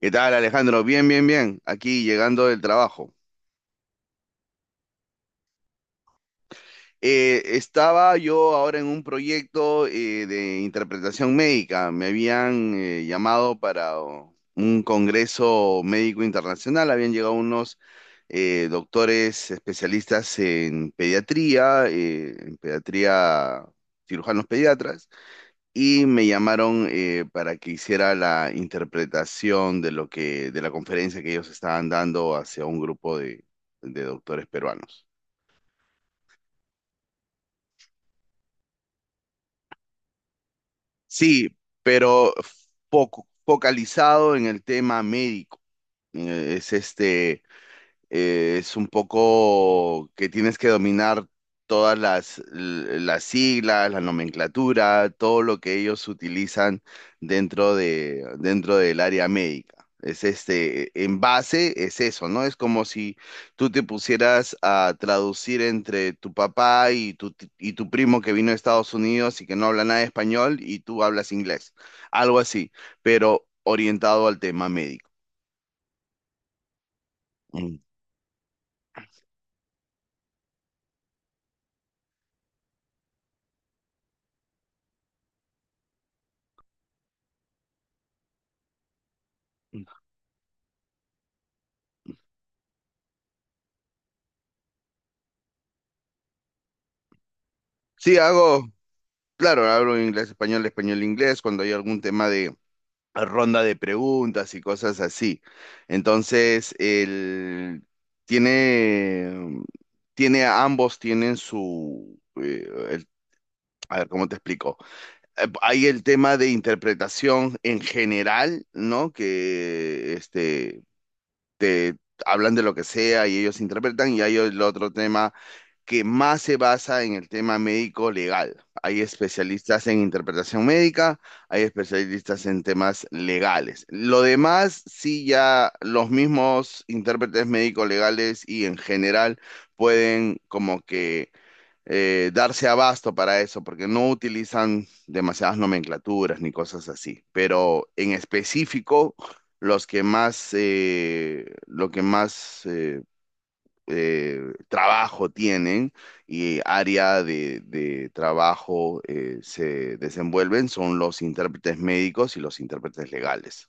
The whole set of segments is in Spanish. ¿Qué tal, Alejandro? Bien, bien, bien. Aquí llegando del trabajo. Estaba yo ahora en un proyecto de interpretación médica. Me habían llamado para un congreso médico internacional. Habían llegado unos doctores especialistas en pediatría, cirujanos pediatras. Y me llamaron para que hiciera la interpretación de la conferencia que ellos estaban dando hacia un grupo de doctores peruanos. Sí, pero focalizado en el tema médico. Es es un poco que tienes que dominar todas las siglas, la nomenclatura, todo lo que ellos utilizan dentro del área médica. Es en base es eso, ¿no? Es como si tú te pusieras a traducir entre tu papá y tu primo que vino de Estados Unidos y que no habla nada de español y tú hablas inglés, algo así, pero orientado al tema médico. Mm. Sí, hago. Claro, hablo inglés, español, español, inglés, cuando hay algún tema de ronda de preguntas y cosas así. Entonces, el tiene, tiene, ambos tienen su, a ver, ¿cómo te explico? Hay el tema de interpretación en general, ¿no? Que, te hablan de lo que sea y ellos interpretan, y hay el otro tema que más se basa en el tema médico legal. Hay especialistas en interpretación médica, hay especialistas en temas legales. Lo demás, sí, ya los mismos intérpretes médico legales y en general pueden como que darse abasto para eso, porque no utilizan demasiadas nomenclaturas ni cosas así. Pero en específico, lo que más eh, trabajo tienen y área de trabajo se desenvuelven son los intérpretes médicos y los intérpretes legales.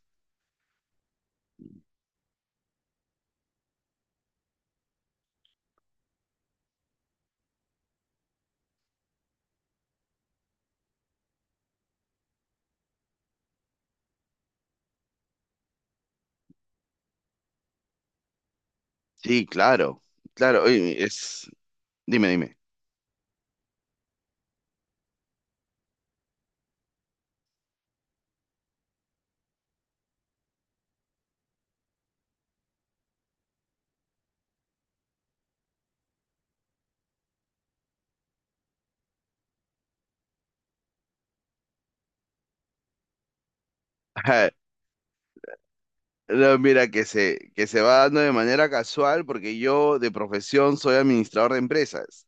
Sí, claro, claro, oye, es, dime, dime. No, mira, que se va dando de manera casual porque yo de profesión soy administrador de empresas.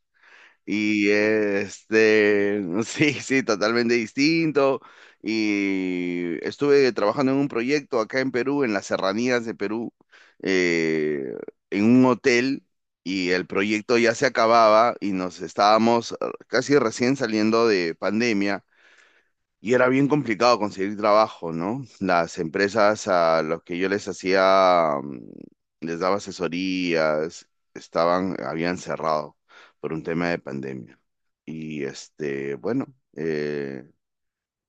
Y sí, sí, totalmente distinto. Y estuve trabajando en un proyecto acá en Perú, en las serranías de Perú, eh, en un hotel, y el proyecto ya se acababa y nos estábamos casi recién saliendo de pandemia. Y era bien complicado conseguir trabajo, ¿no? Las empresas a los que yo les hacía, les daba asesorías, estaban, habían cerrado por un tema de pandemia. Bueno, eh,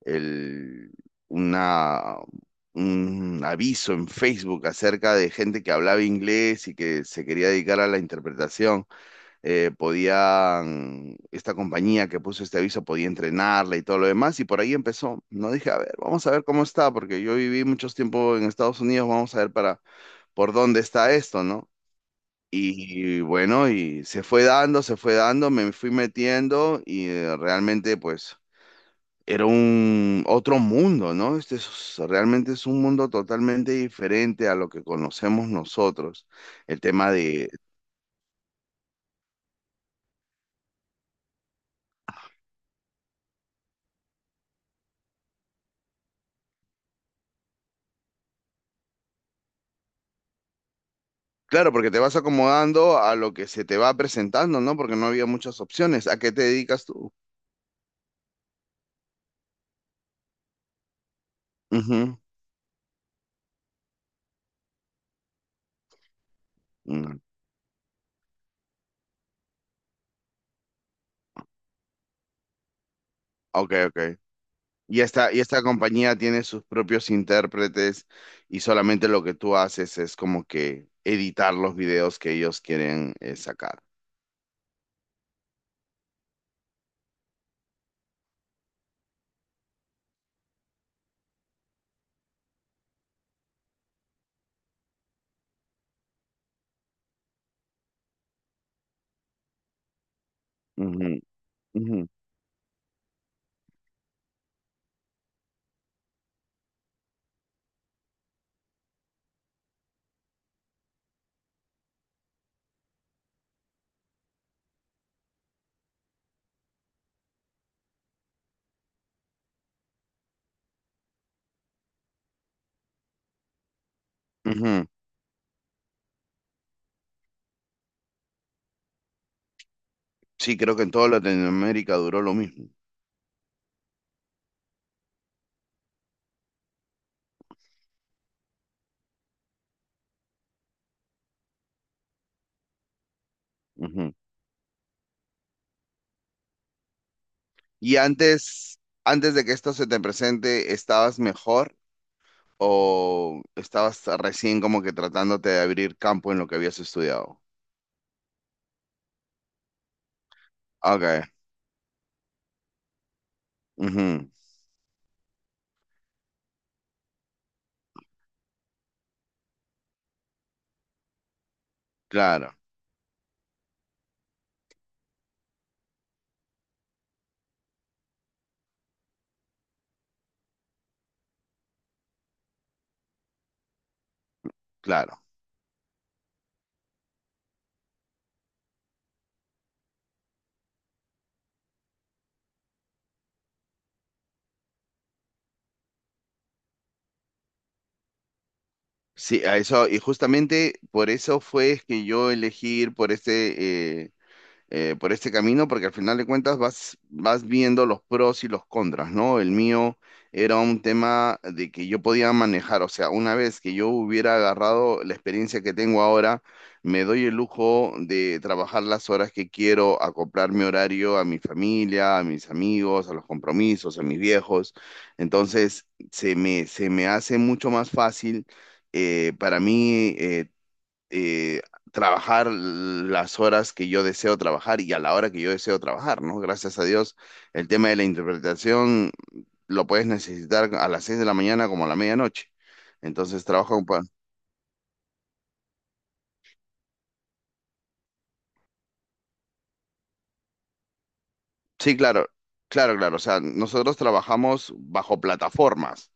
el, una, un aviso en Facebook acerca de gente que hablaba inglés y que se quería dedicar a la interpretación podían, esta compañía que puso este aviso podía entrenarla y todo lo demás, y por ahí empezó. No dije, a ver, vamos a ver cómo está, porque yo viví muchos tiempo en Estados Unidos, vamos a ver para por dónde está esto, ¿no? Y, bueno, y se fue dando, me fui metiendo y realmente pues era un otro mundo, ¿no? Este es, realmente es un mundo totalmente diferente a lo que conocemos nosotros. El tema de. Claro, porque te vas acomodando a lo que se te va presentando, ¿no? Porque no había muchas opciones. ¿A qué te dedicas tú? Ujú. Mm. Ok, ok. Y esta compañía tiene sus propios intérpretes y solamente lo que tú haces es como que editar los videos que ellos quieren sacar. Ujú, ujú, ujú. Sí, creo que en toda Latinoamérica duró lo mismo. Ujú. ¿Y antes de que esto se te presente, estabas mejor o estabas recién como que tratándote de abrir campo en lo que habías estudiado? Okay. Ujú. Claro, claro. Sí, a eso, y justamente por eso fue que yo elegí ir por por este camino, porque al final de cuentas vas viendo los pros y los contras, ¿no? El mío era un tema de que yo podía manejar, o sea, una vez que yo hubiera agarrado la experiencia que tengo ahora, me doy el lujo de trabajar las horas que quiero, acoplar mi horario a mi familia, a mis amigos, a los compromisos, a mis viejos. Entonces, se me hace mucho más fácil para mí eh, trabajar las horas que yo deseo trabajar y a la hora que yo deseo trabajar, ¿no? Gracias a Dios, el tema de la interpretación lo puedes necesitar a las 6 de la mañana como a la medianoche. Entonces trabajo. Sí, claro, claro, claro. O sea, nosotros trabajamos bajo plataformas.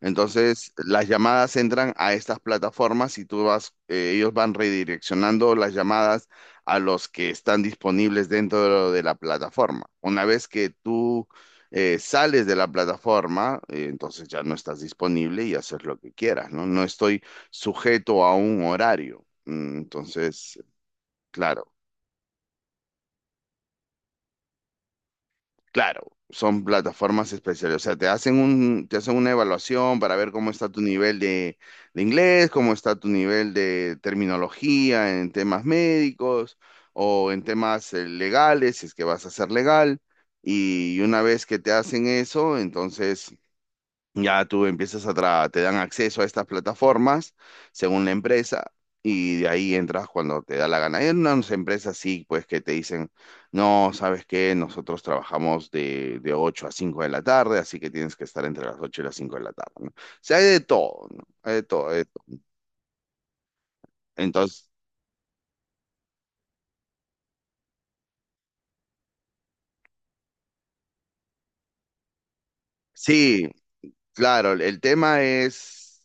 Entonces, las llamadas entran a estas plataformas y tú vas, ellos van redireccionando las llamadas a los que están disponibles dentro de la plataforma. Una vez que tú sales de la plataforma, entonces ya no estás disponible y haces lo que quieras, ¿no? No estoy sujeto a un horario. Entonces, claro. Claro, son plataformas especiales, o sea, te hacen una evaluación para ver cómo está tu nivel de inglés, cómo está tu nivel de terminología en temas médicos o en temas legales, si es que vas a ser legal. Y una vez que te hacen eso, entonces ya tú empiezas a te dan acceso a estas plataformas según la empresa y de ahí entras cuando te da la gana. Hay unas empresas sí, pues que te dicen, no, ¿sabes qué? Nosotros trabajamos de 8 a 5 de la tarde, así que tienes que estar entre las 8 y las 5 de la tarde, ¿no? O sea, hay de todo, ¿no? Hay de todo, hay de todo. Entonces, sí. Claro, el tema es,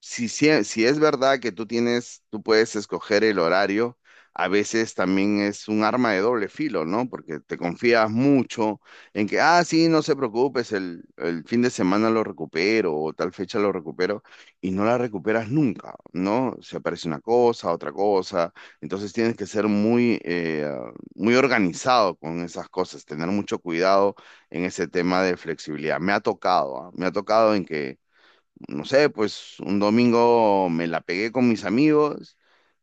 si es verdad que tú puedes escoger el horario, a veces también es un arma de doble filo, ¿no? Porque te confías mucho en que, ah, sí, no se preocupes, el fin de semana lo recupero o tal fecha lo recupero y no la recuperas nunca, ¿no? Se aparece una cosa, otra cosa, entonces tienes que ser muy organizado con esas cosas, tener mucho cuidado en ese tema de flexibilidad. Me ha tocado, ¿ah? Me ha tocado en que, no sé, pues un domingo me la pegué con mis amigos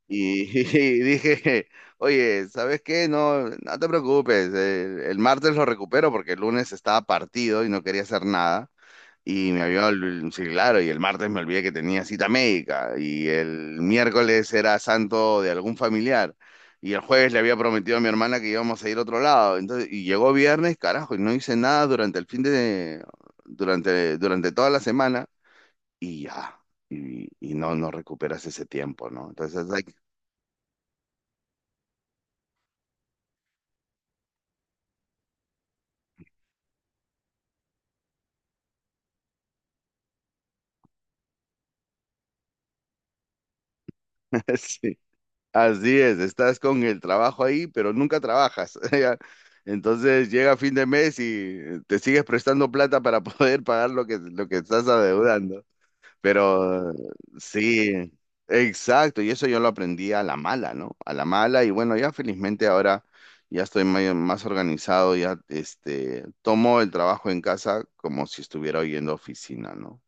y, y dije, oye, ¿sabes qué? No, no te preocupes, el martes lo recupero porque el lunes estaba partido y no quería hacer nada. Y me había, sí, claro, y el martes me olvidé que tenía cita médica, y el miércoles era santo de algún familiar, y el jueves le había prometido a mi hermana que íbamos a ir a otro lado, entonces, y llegó viernes, carajo, y no hice nada durante el fin de, durante toda la semana, y ya, y no, no recuperas ese tiempo, ¿no? Entonces, hay, así es, estás con el trabajo ahí, pero nunca trabajas. Ya. Entonces llega fin de mes y te sigues prestando plata para poder pagar lo que estás adeudando. Pero sí, exacto, y eso yo lo aprendí a la mala, ¿no? A la mala, y bueno, ya felizmente ahora ya estoy más organizado, ya tomo el trabajo en casa como si estuviera hoy en la oficina, ¿no?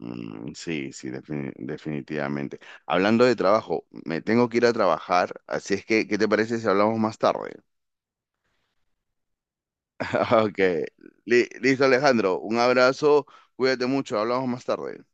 Mm, sí, sí, definitivamente. Hablando de trabajo, me tengo que ir a trabajar, así es que, ¿qué te parece si hablamos más tarde? Ok, listo Alejandro, un abrazo, cuídate mucho, hablamos más tarde.